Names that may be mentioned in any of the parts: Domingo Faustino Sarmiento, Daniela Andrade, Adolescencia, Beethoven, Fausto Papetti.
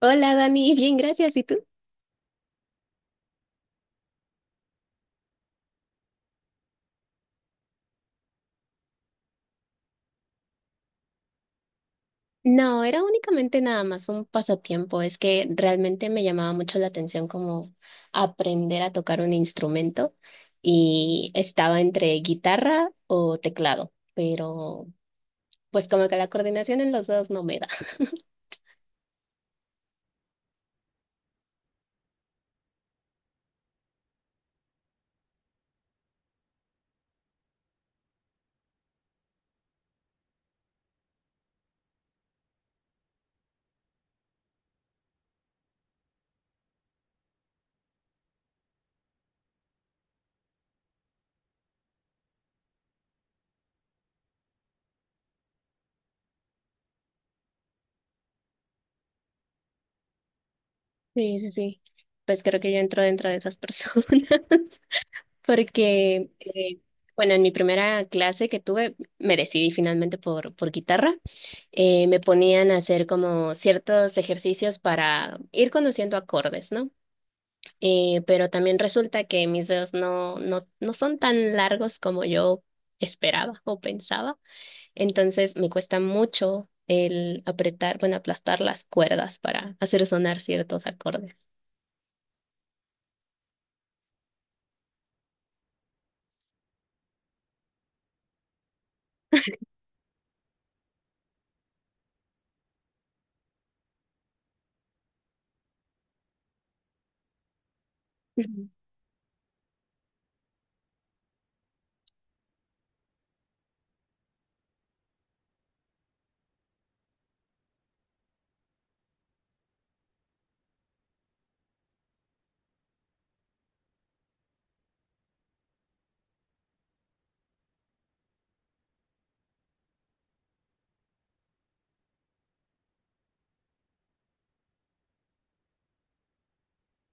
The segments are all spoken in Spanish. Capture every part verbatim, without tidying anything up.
Hola Dani, bien, gracias. ¿Y tú? No, era únicamente nada más un pasatiempo. Es que realmente me llamaba mucho la atención como aprender a tocar un instrumento y estaba entre guitarra o teclado, pero pues como que la coordinación en los dos no me da. Sí, sí, sí. Pues creo que yo entro dentro de esas personas. Porque, eh, bueno, en mi primera clase que tuve, me decidí finalmente por, por guitarra. Eh, me ponían a hacer como ciertos ejercicios para ir conociendo acordes, ¿no? Eh, pero también resulta que mis dedos no, no, no son tan largos como yo esperaba o pensaba. Entonces me cuesta mucho el apretar, bueno, aplastar las cuerdas para hacer sonar ciertos acordes.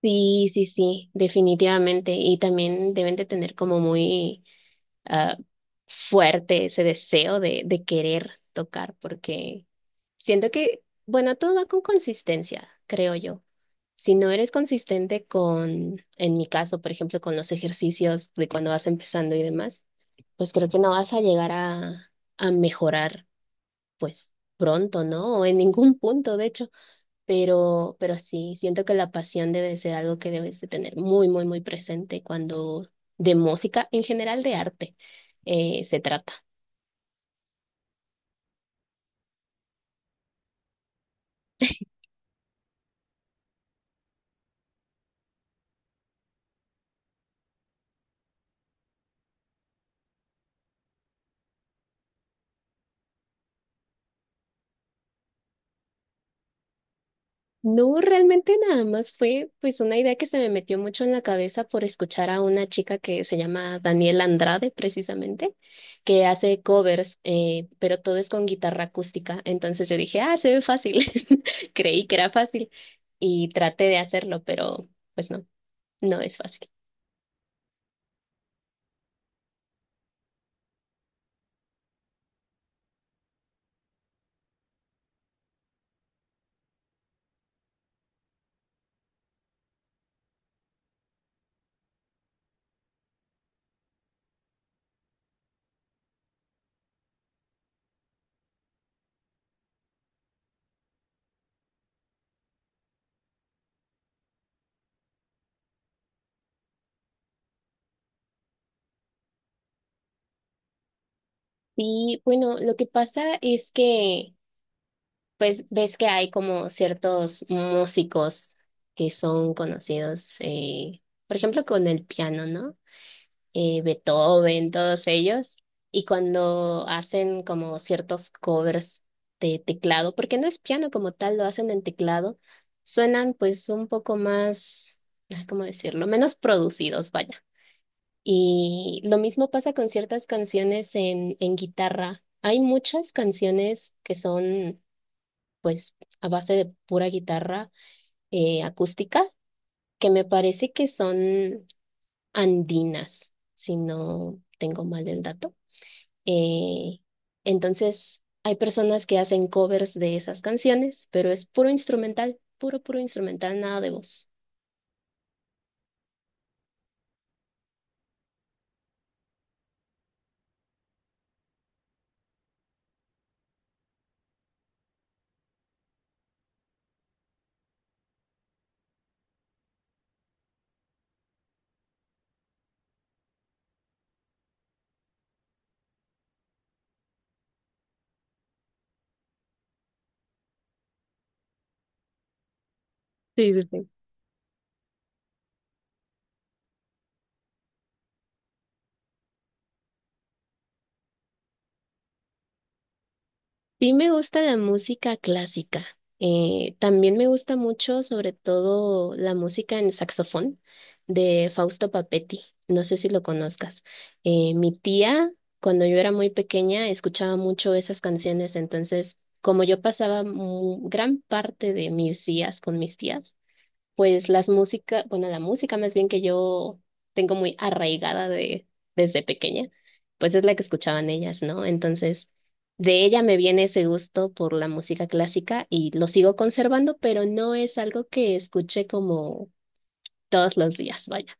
Sí, sí, sí, definitivamente. Y también deben de tener como muy ah, fuerte ese deseo de, de querer tocar, porque siento que, bueno, todo va con consistencia, creo yo. Si no eres consistente con, en mi caso, por ejemplo, con los ejercicios de cuando vas empezando y demás, pues creo que no vas a llegar a, a mejorar, pues pronto, ¿no? O en ningún punto, de hecho. Pero, pero sí, siento que la pasión debe ser algo que debes de tener muy, muy, muy presente cuando de música, en general de arte, eh, se trata. No, realmente nada más fue pues una idea que se me metió mucho en la cabeza por escuchar a una chica que se llama Daniela Andrade, precisamente, que hace covers, eh, pero todo es con guitarra acústica. Entonces yo dije, ah, se ve fácil. Creí que era fácil y traté de hacerlo, pero pues no, no es fácil. Sí, bueno, lo que pasa es que, pues, ves que hay como ciertos músicos que son conocidos, eh, por ejemplo, con el piano, ¿no? Eh, Beethoven, todos ellos, y cuando hacen como ciertos covers de teclado, porque no es piano como tal, lo hacen en teclado, suenan pues un poco más, ah, ¿cómo decirlo? Menos producidos, vaya. Y lo mismo pasa con ciertas canciones en, en guitarra. Hay muchas canciones que son, pues, a base de pura guitarra eh, acústica, que me parece que son andinas, si no tengo mal el dato. Eh, entonces, hay personas que hacen covers de esas canciones, pero es puro instrumental, puro, puro instrumental, nada de voz. Sí, sí, sí. Sí me gusta la música clásica. Eh, también me gusta mucho, sobre todo, la música en saxofón de Fausto Papetti. No sé si lo conozcas. Eh, mi tía, cuando yo era muy pequeña, escuchaba mucho esas canciones. Entonces, como yo pasaba mu- gran parte de mis días con mis tías, pues las música bueno, la música más bien que yo tengo muy arraigada de, desde pequeña, pues es la que escuchaban ellas, ¿no? Entonces, de ella me viene ese gusto por la música clásica y lo sigo conservando, pero no es algo que escuche como todos los días, vaya.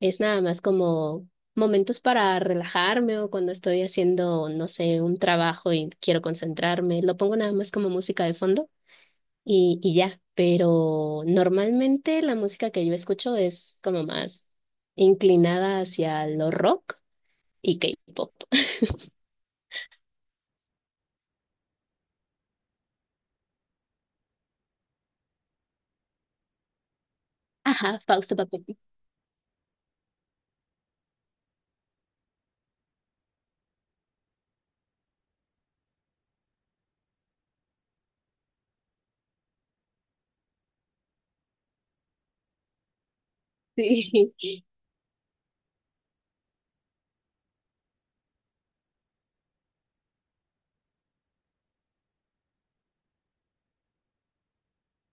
Es nada más como momentos para relajarme o cuando estoy haciendo, no sé, un trabajo y quiero concentrarme. Lo pongo nada más como música de fondo y, y ya, pero normalmente la música que yo escucho es como más inclinada hacia lo rock y K-pop. Ajá, Fausto Papetti. Sí.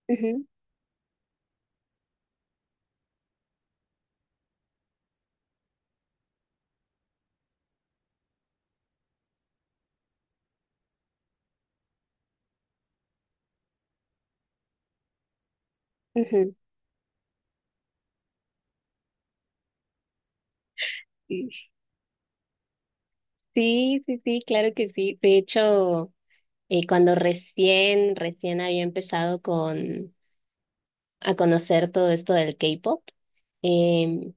Ujú, ujú. Sí, sí, sí, sí, claro que sí. De hecho, eh, cuando recién, recién había empezado con a conocer todo esto del K-pop, em,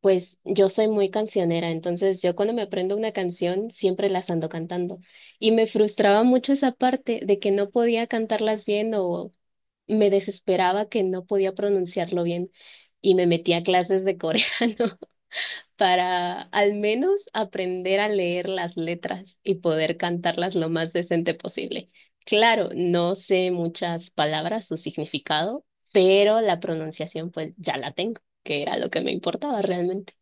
pues yo soy muy cancionera, entonces yo cuando me aprendo una canción siempre las ando cantando. Y me frustraba mucho esa parte de que no podía cantarlas bien o me desesperaba que no podía pronunciarlo bien. Y me metí a clases de coreano para al menos aprender a leer las letras y poder cantarlas lo más decente posible. Claro, no sé muchas palabras, su significado, pero la pronunciación pues ya la tengo, que era lo que me importaba realmente.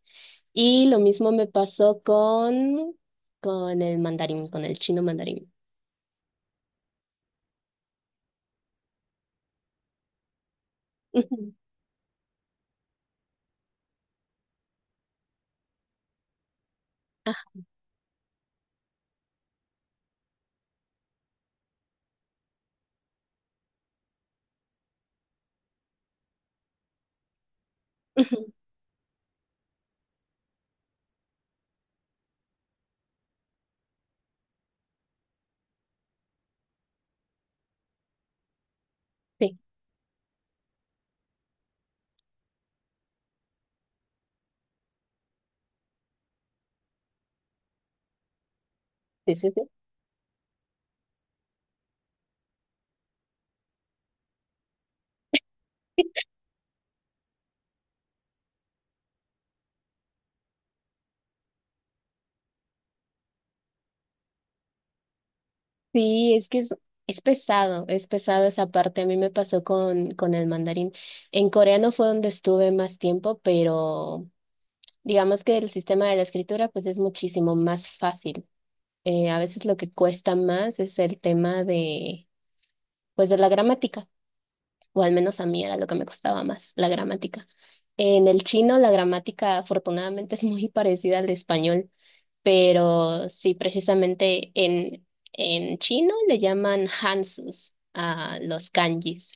Y lo mismo me pasó con, con el mandarín, con el chino mandarín. Ujú. Ah, ujú. Sí, sí, sí, sí. Sí, es que es, es pesado, es pesado esa parte. A mí me pasó con, con el mandarín. En coreano fue donde estuve más tiempo, pero digamos que el sistema de la escritura pues es muchísimo más fácil. Eh, a veces lo que cuesta más es el tema de, pues de la gramática. O al menos a mí era lo que me costaba más, la gramática. En el chino la gramática afortunadamente es muy parecida al español, pero sí, precisamente en, en chino le llaman hansus a los kanjis.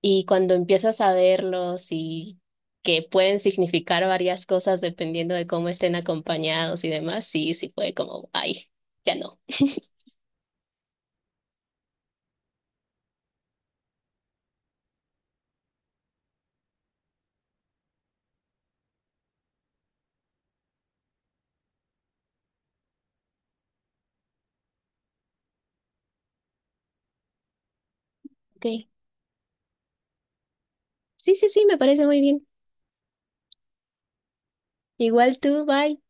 Y cuando empiezas a verlos y que pueden significar varias cosas dependiendo de cómo estén acompañados y demás, sí, sí fue como, ay, ya no. Ok. Sí, sí, sí, me parece muy bien. Igual tú, bye.